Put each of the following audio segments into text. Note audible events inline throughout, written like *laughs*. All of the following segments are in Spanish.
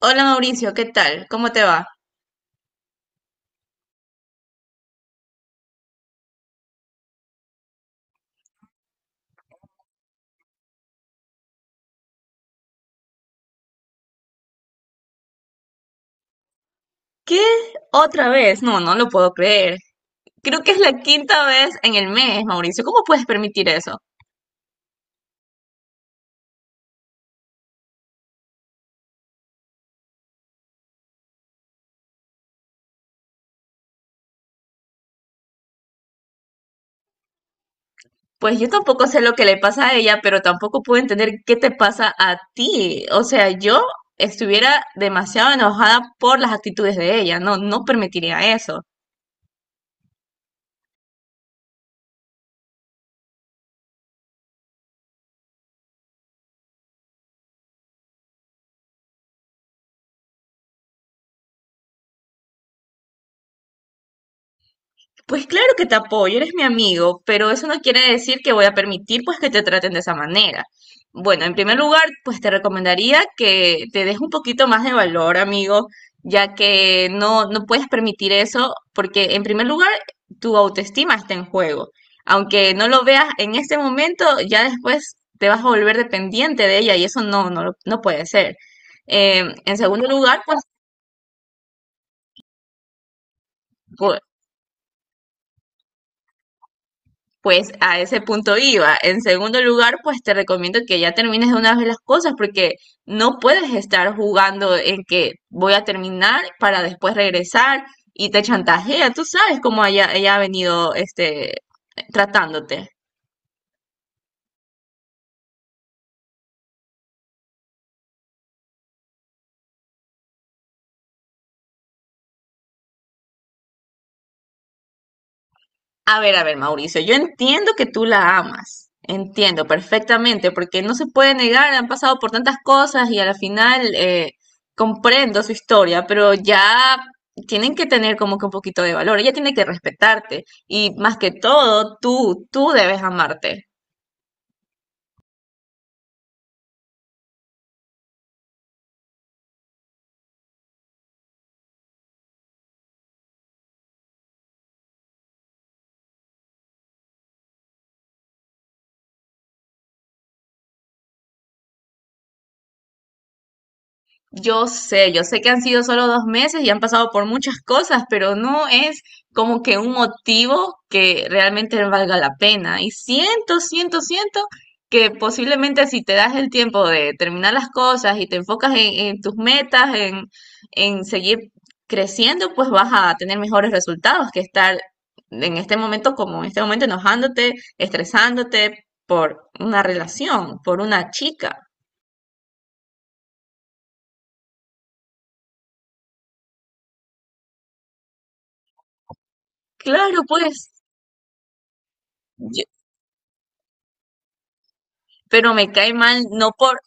Hola Mauricio, ¿qué tal? ¿Cómo te va? ¿Qué? ¿Otra vez? No, no lo puedo creer. Creo que es la quinta vez en el mes, Mauricio. ¿Cómo puedes permitir eso? Pues yo tampoco sé lo que le pasa a ella, pero tampoco puedo entender qué te pasa a ti. O sea, yo estuviera demasiado enojada por las actitudes de ella. No, no permitiría eso. Pues claro que te apoyo, eres mi amigo, pero eso no quiere decir que voy a permitir pues que te traten de esa manera. Bueno, en primer lugar, pues te recomendaría que te des un poquito más de valor, amigo, ya que no puedes permitir eso porque en primer lugar tu autoestima está en juego. Aunque no lo veas en este momento, ya después te vas a volver dependiente de ella y eso no no puede ser. En segundo lugar, pues, pues a ese punto iba. En segundo lugar, pues te recomiendo que ya termines de una vez las cosas porque no puedes estar jugando en que voy a terminar para después regresar y te chantajea. Tú sabes cómo ella ha venido tratándote. A ver, Mauricio, yo entiendo que tú la amas, entiendo perfectamente, porque no se puede negar, han pasado por tantas cosas y a la final comprendo su historia, pero ya tienen que tener como que un poquito de valor, ella tiene que respetarte y más que todo, tú debes amarte. Yo sé que han sido solo 2 meses y han pasado por muchas cosas, pero no es como que un motivo que realmente valga la pena. Y siento que posiblemente si te das el tiempo de terminar las cosas y te enfocas en tus metas, en seguir creciendo, pues vas a tener mejores resultados que estar en este momento como en este momento enojándote, estresándote por una relación, por una chica. Claro, pues. Pero me cae mal, no por,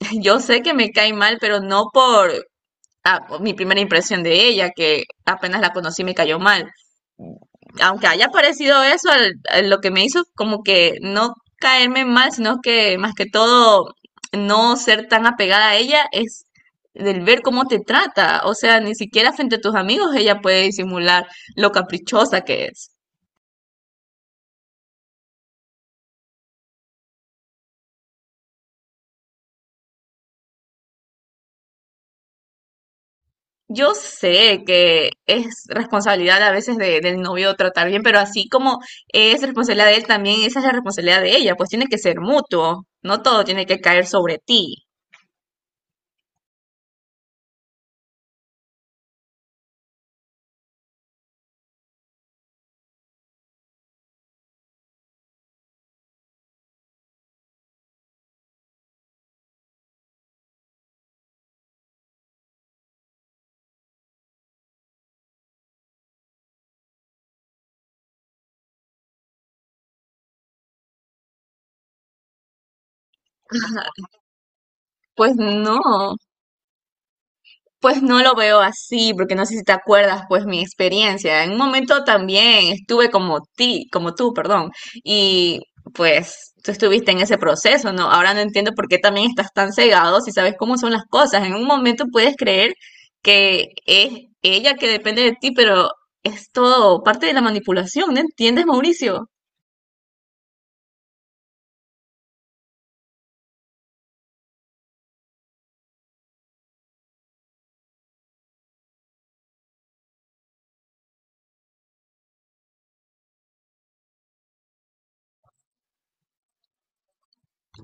*laughs* yo sé que me cae mal, pero no por ah, por mi primera impresión de ella, que apenas la conocí me cayó mal. Aunque haya parecido eso, a lo que me hizo como que no caerme mal, sino que más que todo no ser tan apegada a ella es del ver cómo te trata. O sea, ni siquiera frente a tus amigos ella puede disimular lo caprichosa que es. Yo sé que es responsabilidad a veces del novio tratar bien, pero así como es responsabilidad de él, también esa es la responsabilidad de ella, pues tiene que ser mutuo, no todo tiene que caer sobre ti. Pues no. Pues no lo veo así, porque no sé si te acuerdas, pues mi experiencia. En un momento también estuve como ti, como tú, perdón, y pues tú estuviste en ese proceso, ¿no? Ahora no entiendo por qué también estás tan cegado si sabes cómo son las cosas. En un momento puedes creer que es ella que depende de ti, pero es todo parte de la manipulación, ¿no entiendes, Mauricio?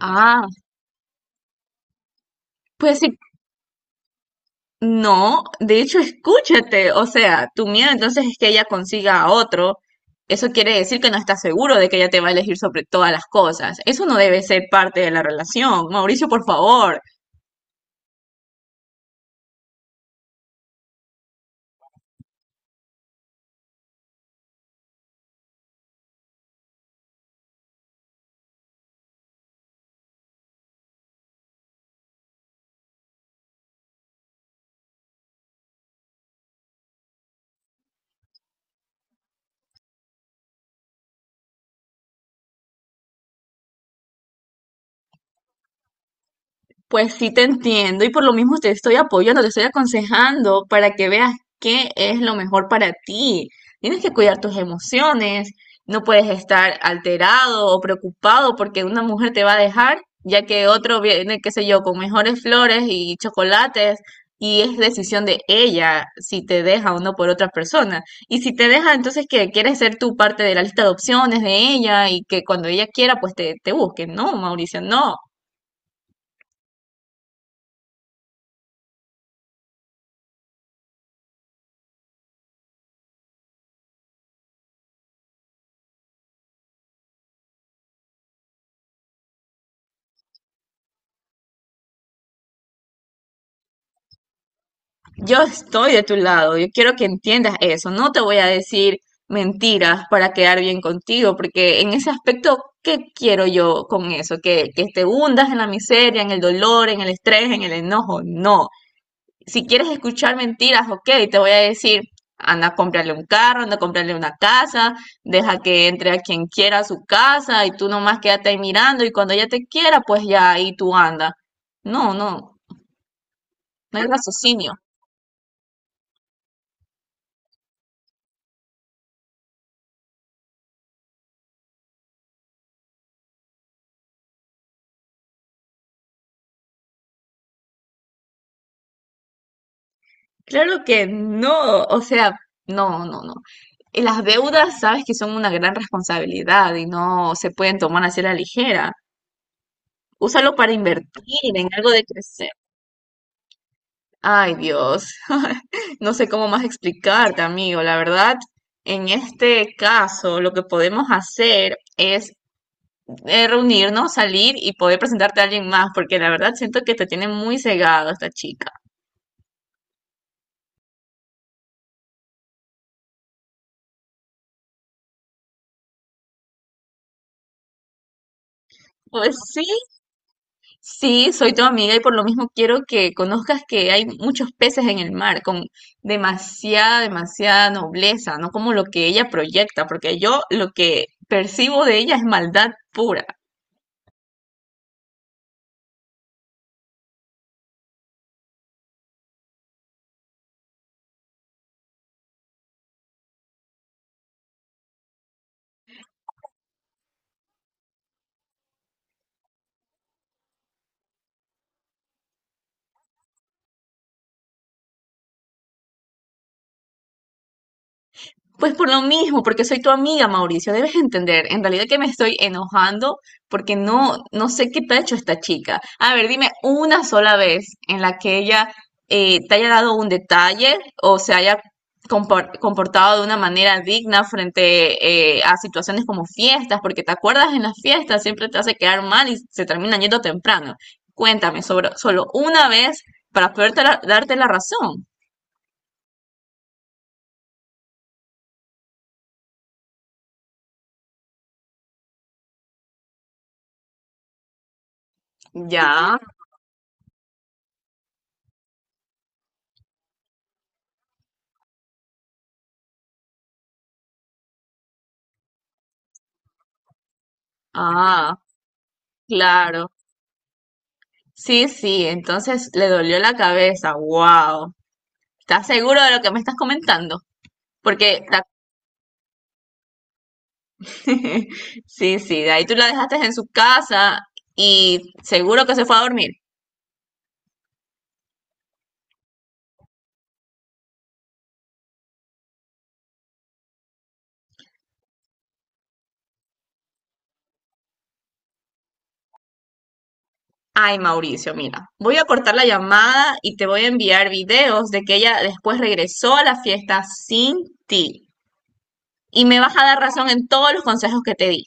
Ah, pues sí. No, de hecho, escúchate, o sea, tu miedo entonces es que ella consiga a otro. Eso quiere decir que no estás seguro de que ella te va a elegir sobre todas las cosas. Eso no debe ser parte de la relación. Mauricio, por favor, pues sí te entiendo y por lo mismo te estoy apoyando, te estoy aconsejando para que veas qué es lo mejor para ti. Tienes que cuidar tus emociones, no puedes estar alterado o preocupado porque una mujer te va a dejar, ya que otro viene, qué sé yo, con mejores flores y chocolates y es decisión de ella si te deja o no por otra persona. Y si te deja, entonces que quieres ser tú parte de la lista de opciones de ella y que cuando ella quiera, pues te busque. No, Mauricio, no. Yo estoy de tu lado, yo quiero que entiendas eso, no te voy a decir mentiras para quedar bien contigo, porque en ese aspecto, ¿qué quiero yo con eso? Que te hundas en la miseria, en el dolor, en el estrés, en el enojo, no. Si quieres escuchar mentiras, ok, te voy a decir, anda a comprarle un carro, anda a comprarle una casa, deja que entre a quien quiera a su casa y tú nomás quédate ahí mirando y cuando ella te quiera, pues ya ahí tú anda. No, no, no hay raciocinio. Claro que no, o sea, no, no, no. Y las deudas sabes que son una gran responsabilidad y no se pueden tomar así a la ligera. Úsalo para invertir en algo de crecer. Ay, Dios. *laughs* No sé cómo más explicarte, amigo. La verdad, en este caso, lo que podemos hacer es reunirnos, salir y poder presentarte a alguien más, porque la verdad siento que te tiene muy cegado esta chica. Pues sí, sí, soy tu amiga y por lo mismo quiero que conozcas que hay muchos peces en el mar con demasiada nobleza, no como lo que ella proyecta, porque yo lo que percibo de ella es maldad pura. Pues por lo mismo, porque soy tu amiga, Mauricio, debes entender. En realidad que me estoy enojando porque no sé qué te ha hecho esta chica. A ver, dime una sola vez en la que ella te haya dado un detalle o se haya comportado de una manera digna frente a situaciones como fiestas, porque te acuerdas en las fiestas, siempre te hace quedar mal y se termina yendo temprano. Cuéntame sobre solo una vez para poder darte la razón. Ya, ah, claro. Sí, sí, entonces le dolió la cabeza. Wow. ¿Estás seguro de lo que me estás comentando? Porque la- *laughs* sí, sí, de ahí tú la dejaste en su casa y seguro que se fue a dormir. Ay, Mauricio, mira, voy a cortar la llamada y te voy a enviar videos de que ella después regresó a la fiesta sin ti. Y me vas a dar razón en todos los consejos que te di.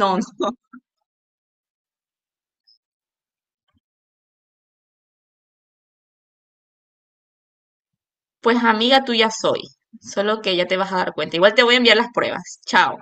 No, no, pues amiga tuya soy. Solo que ya te vas a dar cuenta. Igual te voy a enviar las pruebas. Chao.